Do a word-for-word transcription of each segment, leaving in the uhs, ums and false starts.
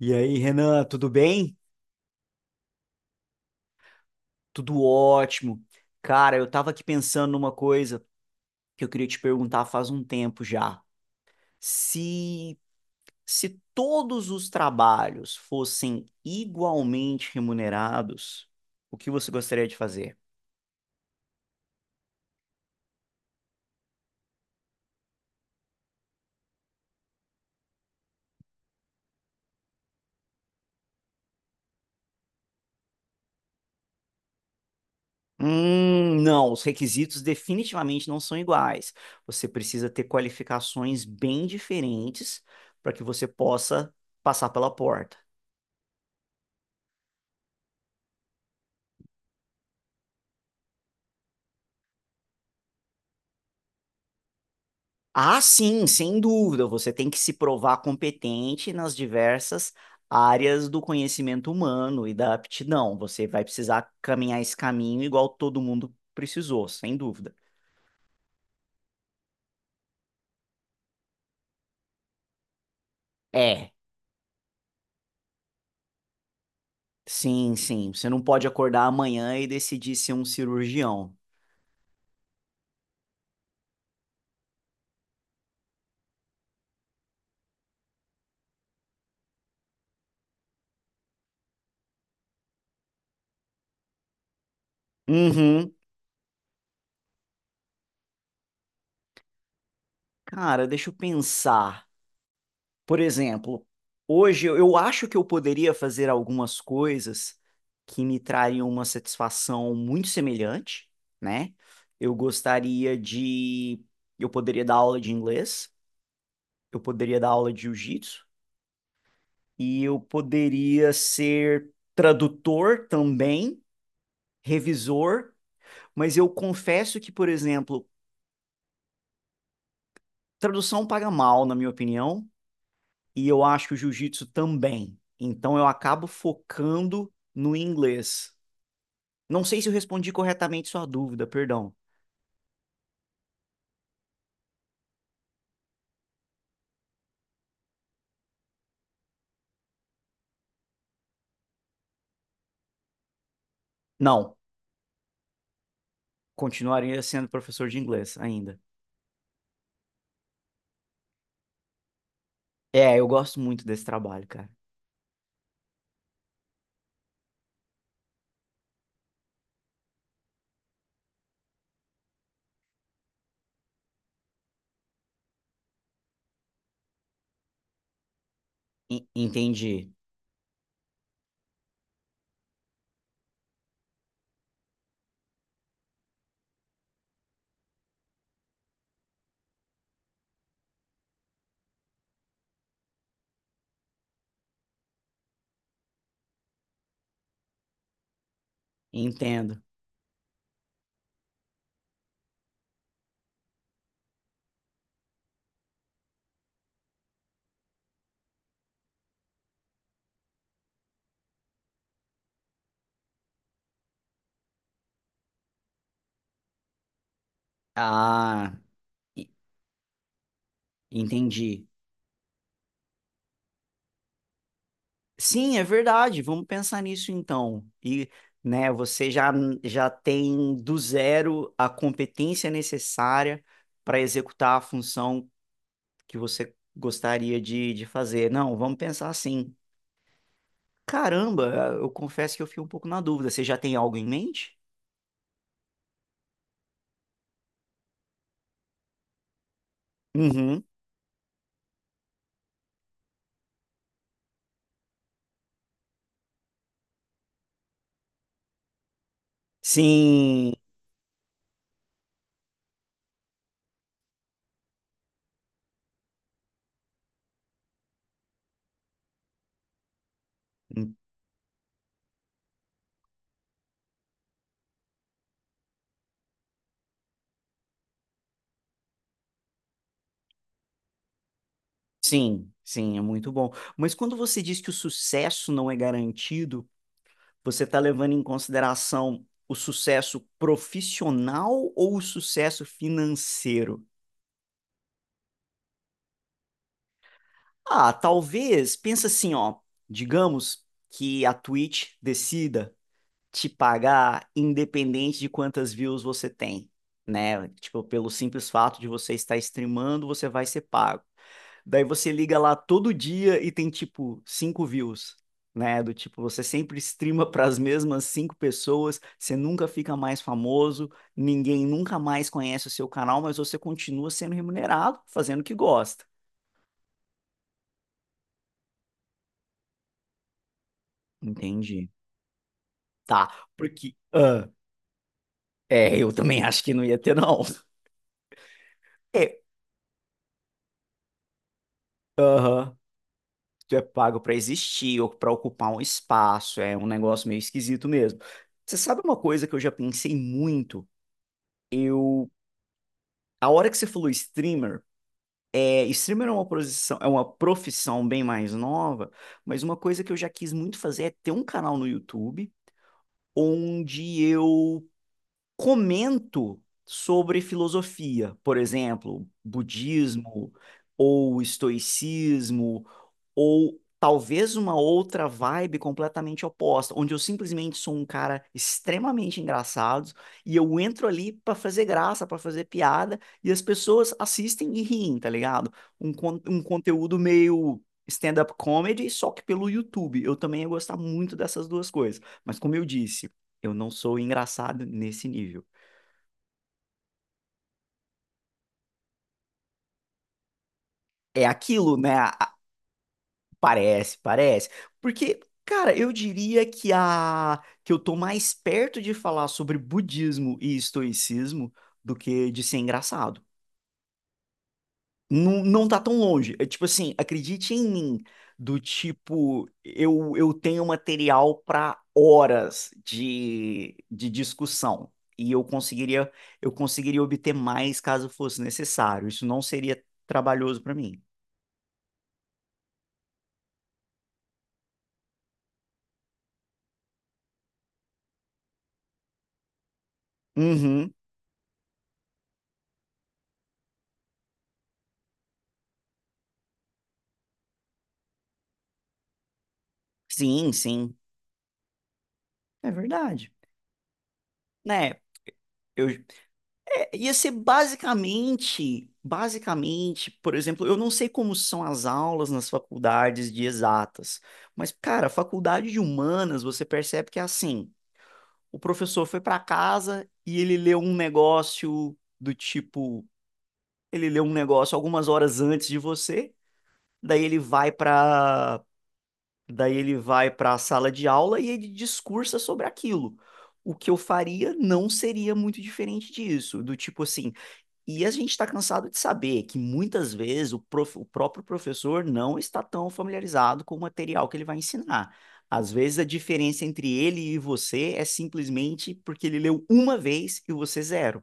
E aí, Renan, tudo bem? Tudo ótimo. Cara, eu tava aqui pensando numa coisa que eu queria te perguntar faz um tempo já. Se se todos os trabalhos fossem igualmente remunerados, o que você gostaria de fazer? Hum, não, os requisitos definitivamente não são iguais. Você precisa ter qualificações bem diferentes para que você possa passar pela porta. Ah, sim, sem dúvida. Você tem que se provar competente nas diversas áreas do conhecimento humano e da aptidão. Você vai precisar caminhar esse caminho igual todo mundo precisou, sem dúvida. É, sim, sim. Você não pode acordar amanhã e decidir ser um cirurgião. Uhum. Cara, deixa eu pensar. Por exemplo, hoje eu eu acho que eu poderia fazer algumas coisas que me trariam uma satisfação muito semelhante, né? Eu gostaria de. Eu poderia dar aula de inglês, eu poderia dar aula de jiu-jitsu, e eu poderia ser tradutor também, revisor, mas eu confesso que, por exemplo, tradução paga mal, na minha opinião, e eu acho que o jiu-jitsu também. Então eu acabo focando no inglês. Não sei se eu respondi corretamente sua dúvida, perdão. Não, continuaria sendo professor de inglês ainda. É, eu gosto muito desse trabalho, cara. En- Entendi, entendo. Ah, e- entendi. Sim, é verdade. Vamos pensar nisso então. E, né, você já, já tem do zero a competência necessária para executar a função que você gostaria de, de fazer. Não, vamos pensar assim. Caramba, eu confesso que eu fiquei um pouco na dúvida. Você já tem algo em mente? Uhum. Sim, hum, sim, sim, é muito bom. Mas quando você diz que o sucesso não é garantido, você está levando em consideração o sucesso profissional ou o sucesso financeiro? Ah, talvez, pensa assim, ó, digamos que a Twitch decida te pagar independente de quantas views você tem, né? Tipo, pelo simples fato de você estar streamando, você vai ser pago. Daí você liga lá todo dia e tem tipo cinco views, né? Do tipo, você sempre streama para as mesmas cinco pessoas, você nunca fica mais famoso, ninguém nunca mais conhece o seu canal, mas você continua sendo remunerado, fazendo o que gosta. Entendi. Tá, porque ah, é, eu também acho que não ia ter não. É, aham. Tu é pago para existir ou para ocupar um espaço, é um negócio meio esquisito mesmo. Você sabe uma coisa que eu já pensei muito? Eu, a hora que você falou streamer, é, streamer é uma posição, é uma profissão bem mais nova, mas uma coisa que eu já quis muito fazer é ter um canal no YouTube onde eu comento sobre filosofia, por exemplo, budismo ou estoicismo ou talvez uma outra vibe completamente oposta, onde eu simplesmente sou um cara extremamente engraçado e eu entro ali para fazer graça, para fazer piada e as pessoas assistem e riem, tá ligado? Um, con- um conteúdo meio stand-up comedy, só que pelo YouTube. Eu também ia gostar muito dessas duas coisas, mas como eu disse eu não sou engraçado nesse nível. É aquilo, né? A- a- Parece, parece. Porque, cara, eu diria que a que eu tô mais perto de falar sobre budismo e estoicismo do que de ser engraçado. Não, não tá tão longe. É tipo assim, acredite em mim, do tipo, eu, eu tenho material para horas de, de, discussão. E eu conseguiria, eu conseguiria obter mais caso fosse necessário. Isso não seria trabalhoso para mim. Uhum. Sim, sim. É verdade. Né? Eu, é, ia ser basicamente, basicamente, por exemplo, eu não sei como são as aulas nas faculdades de exatas, mas, cara, faculdade de humanas, você percebe que é assim, o professor foi para casa e ele leu um negócio do tipo, ele leu um negócio algumas horas antes de você, daí ele vai para Daí ele vai para a sala de aula e ele discursa sobre aquilo. O que eu faria não seria muito diferente disso, do tipo assim. E a gente está cansado de saber que muitas vezes o, prof- o próprio professor não está tão familiarizado com o material que ele vai ensinar. Às vezes a diferença entre ele e você é simplesmente porque ele leu uma vez e você zero.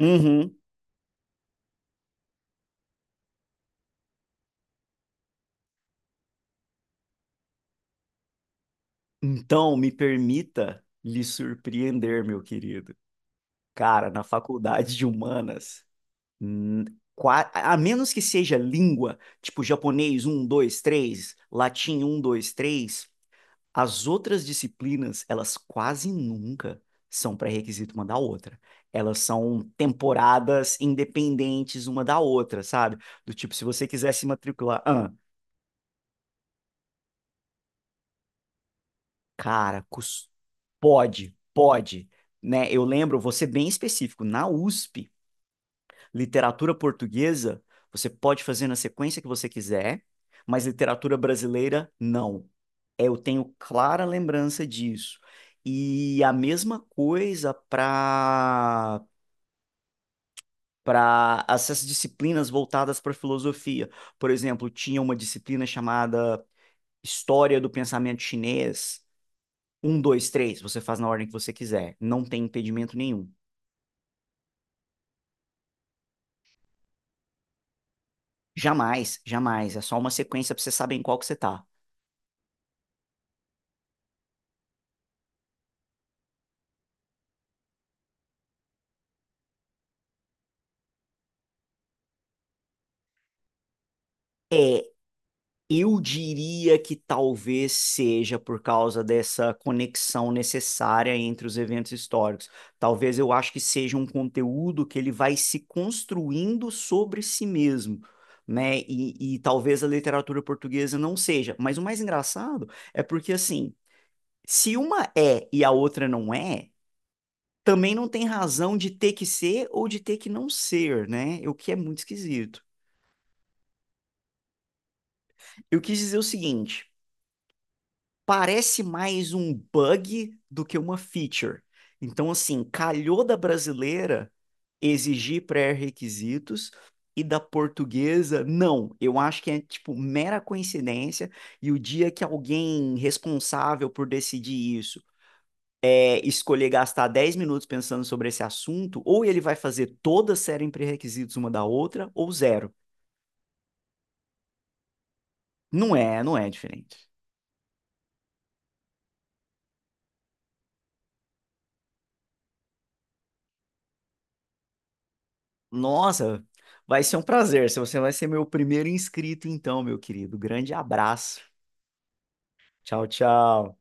Uhum. Então, me permita lhe surpreender, meu querido. Cara, na faculdade de humanas. Hum, qua- A menos que seja língua, tipo japonês um dois três latim um dois três, as outras disciplinas, elas quase nunca são pré-requisito uma da outra. Elas são temporadas independentes uma da outra, sabe? Do tipo, se você quiser se matricular, ah, cara, cus- pode, pode, né? Eu lembro, vou ser bem específico, na USP, literatura portuguesa, você pode fazer na sequência que você quiser, mas literatura brasileira, não. Eu tenho clara lembrança disso. E a mesma coisa para para essas disciplinas voltadas para filosofia. Por exemplo, tinha uma disciplina chamada História do Pensamento Chinês. Um, dois, três, você faz na ordem que você quiser. Não tem impedimento nenhum. Jamais, jamais. É só uma sequência para você saber em qual que você tá. É Eu diria que talvez seja por causa dessa conexão necessária entre os eventos históricos. Talvez eu acho que seja um conteúdo que ele vai se construindo sobre si mesmo, né? E, e talvez a literatura portuguesa não seja. Mas o mais engraçado é porque, assim, se uma é e a outra não é, também não tem razão de ter que ser ou de ter que não ser, né? O que é muito esquisito. Eu quis dizer o seguinte. Parece mais um bug do que uma feature. Então, assim, calhou da brasileira exigir pré-requisitos e da portuguesa, não. Eu acho que é, tipo, mera coincidência. E o dia que alguém responsável por decidir isso é escolher gastar dez minutos pensando sobre esse assunto, ou ele vai fazer toda a série em pré-requisitos uma da outra, ou zero. Não é, não é diferente. Nossa, vai ser um prazer. Se você vai ser meu primeiro inscrito, então, meu querido. Grande abraço. Tchau, tchau.